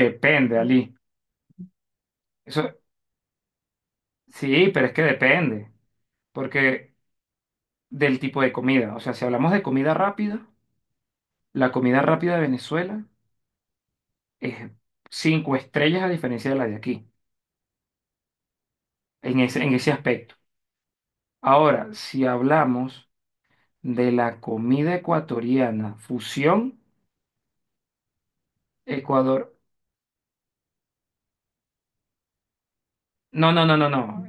Depende, Ali. Eso, sí, pero es que depende, porque del tipo de comida. O sea, si hablamos de comida rápida, la comida rápida de Venezuela es cinco estrellas a diferencia de la de aquí, en ese aspecto. Ahora, si hablamos de la comida ecuatoriana, fusión, Ecuador. No, no, no, no, no.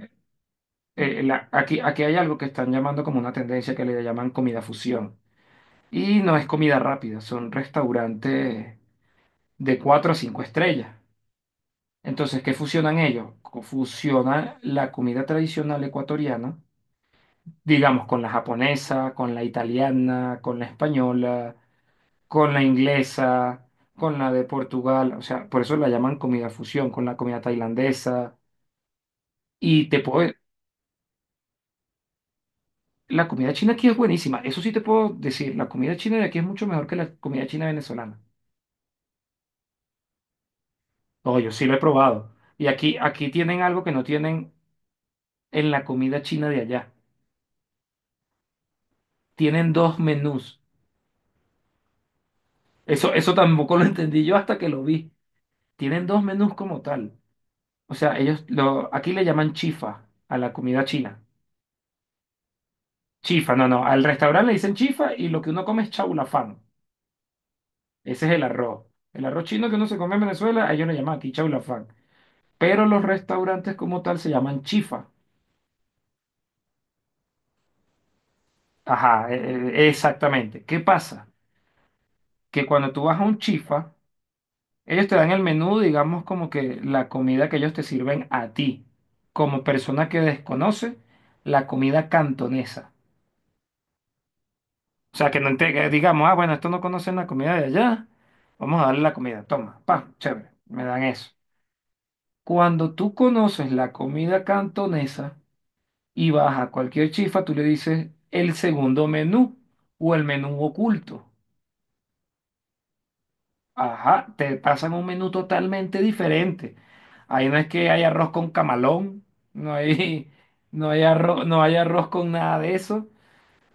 Aquí hay algo que están llamando como una tendencia que le llaman comida fusión. Y no es comida rápida, son restaurantes de 4 a 5 estrellas. Entonces, ¿qué fusionan ellos? Fusionan la comida tradicional ecuatoriana, digamos, con la japonesa, con la italiana, con la española, con la inglesa, con la de Portugal, o sea, por eso la llaman comida fusión, con la comida tailandesa. Y te puedo, la comida china aquí es buenísima, eso sí te puedo decir, la comida china de aquí es mucho mejor que la comida china venezolana. No, yo sí lo he probado. Y aquí tienen algo que no tienen en la comida china de allá. Tienen dos menús. Eso tampoco lo entendí yo hasta que lo vi. Tienen dos menús como tal. O sea, ellos lo, aquí le llaman chifa a la comida china. Chifa, no, no. Al restaurante le dicen chifa y lo que uno come es chaulafán. Ese es el arroz. El arroz chino que uno se come en Venezuela, a ellos le llaman aquí chaulafán. Pero los restaurantes como tal se llaman chifa. Ajá, exactamente. ¿Qué pasa? Que cuando tú vas a un chifa, ellos te dan el menú, digamos, como que la comida que ellos te sirven a ti, como persona que desconoce la comida cantonesa. O sea, que no te, que digamos, ah, bueno, esto no conocen la comida de allá, vamos a darle la comida, toma, pa, chévere, me dan eso. Cuando tú conoces la comida cantonesa y vas a cualquier chifa, tú le dices el segundo menú o el menú oculto. Ajá, te pasan un menú totalmente diferente. Ahí no es que hay arroz con camalón, no hay, no hay arroz, no hay arroz con nada de eso,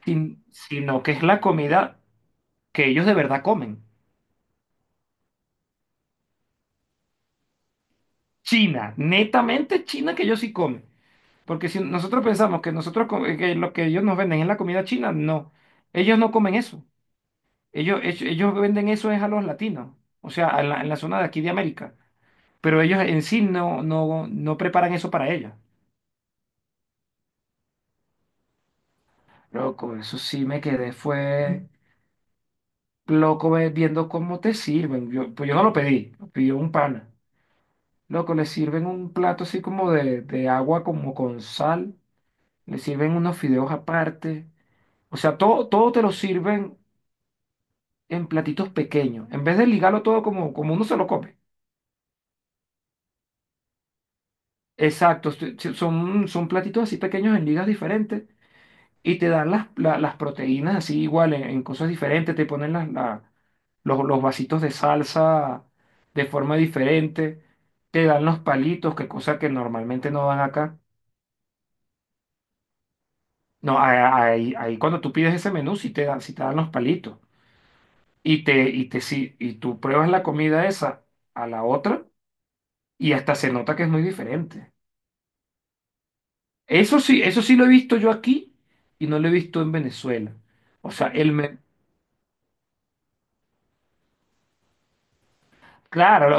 sino que es la comida que ellos de verdad comen. China, netamente china que ellos sí comen. Porque si nosotros pensamos que nosotros que lo que ellos nos venden es la comida china, no. Ellos no comen eso. Ellos venden eso es a los latinos, o sea, en la zona de aquí de América. Pero ellos en sí no, no, no preparan eso para ellos. Loco, eso sí me quedé, fue loco viendo cómo te sirven. Pues yo no lo pedí, lo pidió un pana. Loco, le sirven un plato así como de agua, como con sal. Le sirven unos fideos aparte. O sea, todo te lo sirven en platitos pequeños. En vez de ligarlo todo como uno se lo come. Exacto, sí, son platitos así pequeños en ligas diferentes. Y te dan las proteínas así igual en cosas diferentes, te ponen los vasitos de salsa de forma diferente, te dan los palitos, que cosa que normalmente no dan acá. No, ahí cuando tú pides ese menú, si te dan, sí te dan los palitos. Y te, si y tú pruebas la comida esa a la otra y hasta se nota que es muy diferente. Eso sí lo he visto yo aquí y no lo he visto en Venezuela. O sea, claro,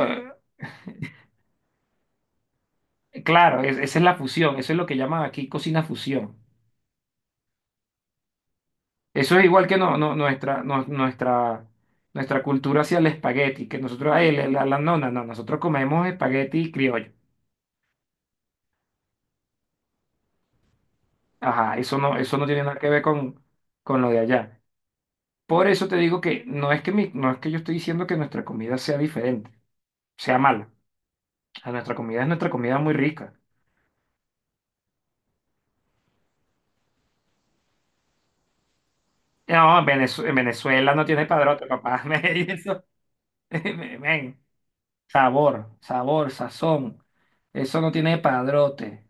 Claro, esa es la fusión, eso es lo que llaman aquí cocina fusión. Eso es igual que nuestra cultura hacia el espagueti, que nosotros, ay, la- la- no, no, no, nosotros comemos espagueti criollo. Ajá, eso no tiene nada que ver con lo de allá. Por eso te digo que no es que yo estoy diciendo que nuestra comida sea diferente, sea mala. A nuestra comida es nuestra comida muy rica. No, en Venezuela no tiene padrote, papá. Eso, ven. Sabor, sabor, sazón. Eso no tiene padrote.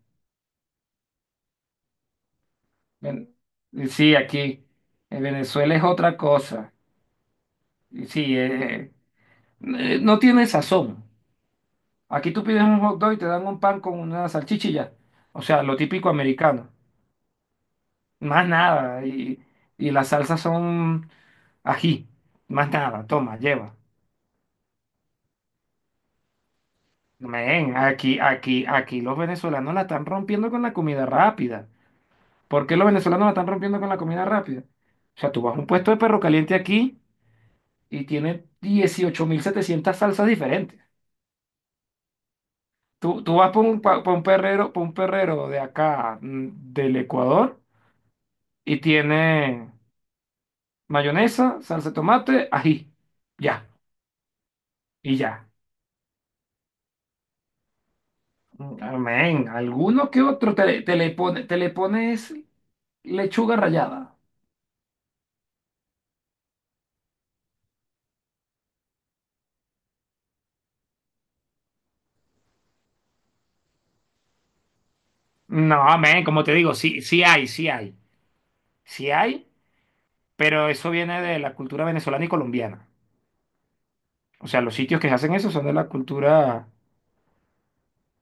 Ven- sí, aquí. En Venezuela es otra cosa. Y sí, no tiene sazón. Aquí tú pides un hot dog y te dan un pan con una salchicha. O sea, lo típico americano. Más nada. Y las salsas son ají. Más nada. Toma, lleva. Men, aquí los venezolanos la están rompiendo con la comida rápida. ¿Por qué los venezolanos la están rompiendo con la comida rápida? O sea, tú vas a un puesto de perro caliente aquí y tiene 18.700 salsas diferentes. Tú vas por un perrero de acá, del Ecuador, y tiene mayonesa, salsa de tomate, ají. Ya, y ya. Mm, amén. Alguno que otro te le pones lechuga rallada. No, amén, como te digo, sí hay. Sí hay, pero eso viene de la cultura venezolana y colombiana. O sea, los sitios que hacen eso son de la cultura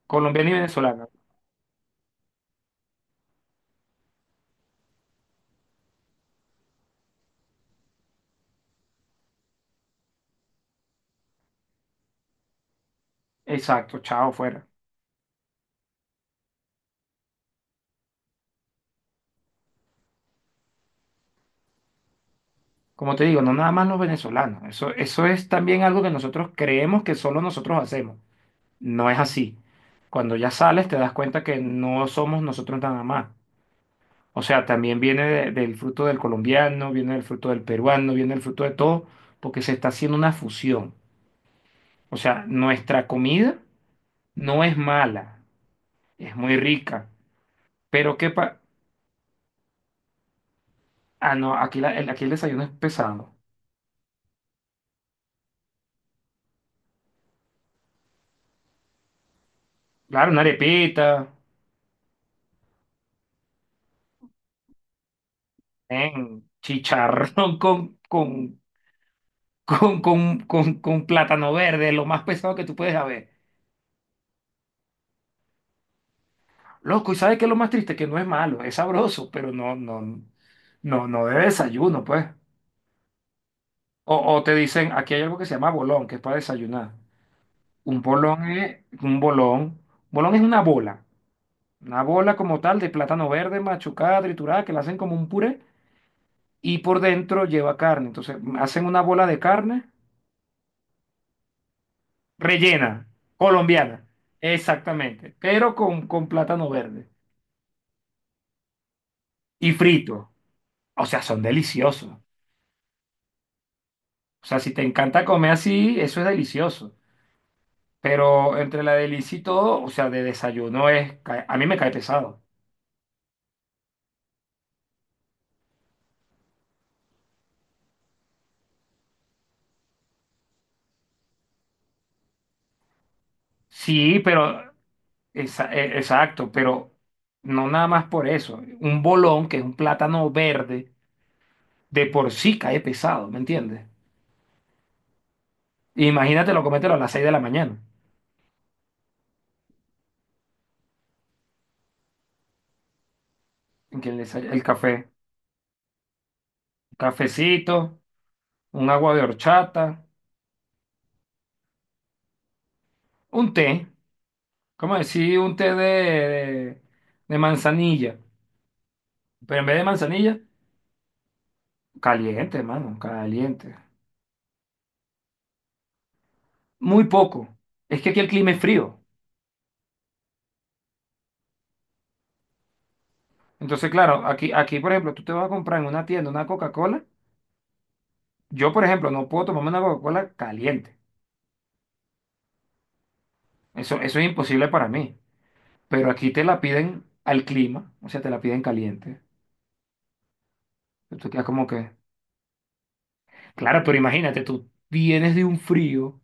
colombiana y venezolana. Exacto, chao, fuera. Como te digo, no nada más los venezolanos. Eso es también algo que nosotros creemos que solo nosotros hacemos. No es así. Cuando ya sales te das cuenta que no somos nosotros nada más. O sea, también viene del fruto del colombiano, viene del fruto del peruano, viene del fruto de todo, porque se está haciendo una fusión. O sea, nuestra comida no es mala, es muy rica. Pero ¿qué pasa? Ah, no, aquí el desayuno es pesado. Claro, una arepita, ven, chicharrón con plátano verde, lo más pesado que tú puedes haber. Loco, ¿y sabes qué es lo más triste? Que no es malo, es sabroso, pero no, no, no, no de desayuno, pues. O te dicen, aquí hay algo que se llama bolón, que es para desayunar. Un bolón es un bolón. Bolón es una bola. Una bola como tal de plátano verde, machucada, triturada, que la hacen como un puré y por dentro lleva carne. Entonces hacen una bola de carne rellena, colombiana, exactamente, pero con plátano verde y frito. O sea, son deliciosos. O sea, si te encanta comer así, eso es delicioso. Pero entre la delicia y todo, o sea, de desayuno es, a mí me cae pesado. Sí, pero, exacto, pero no nada más por eso. Un bolón, que es un plátano verde, de por sí cae pesado, ¿me entiendes? Imagínate lo comételo a las 6 de la mañana. El café, cafecito, un agua de horchata, un té, como decir? Un té de manzanilla, pero en vez de manzanilla, caliente, mano caliente. Muy poco. Es que aquí el clima es frío. Entonces, claro, aquí, por ejemplo, tú te vas a comprar en una tienda una Coca-Cola. Yo, por ejemplo, no puedo tomarme una Coca-Cola caliente. Eso es imposible para mí. Pero aquí te la piden al clima, o sea, te la piden caliente. Tú quedas como que... Claro, pero imagínate, tú vienes de un frío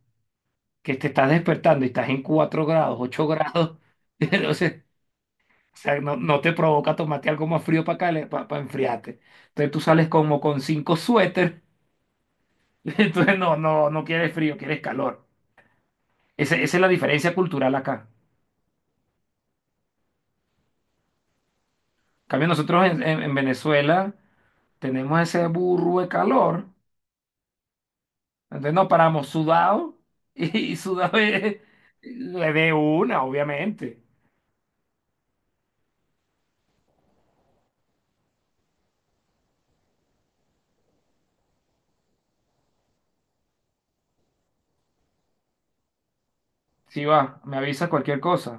que te estás despertando y estás en 4 grados, 8 grados. Entonces, o sea, no te provoca tomarte algo más frío para acá, para enfriarte. Entonces tú sales como con cinco suéter. Entonces no quieres frío, quieres calor. Esa es la diferencia cultural acá. En cambio, nosotros en Venezuela tenemos ese burro de calor. Entonces nos paramos sudado y sudado es- de una, obviamente. Sí va, me avisa cualquier cosa.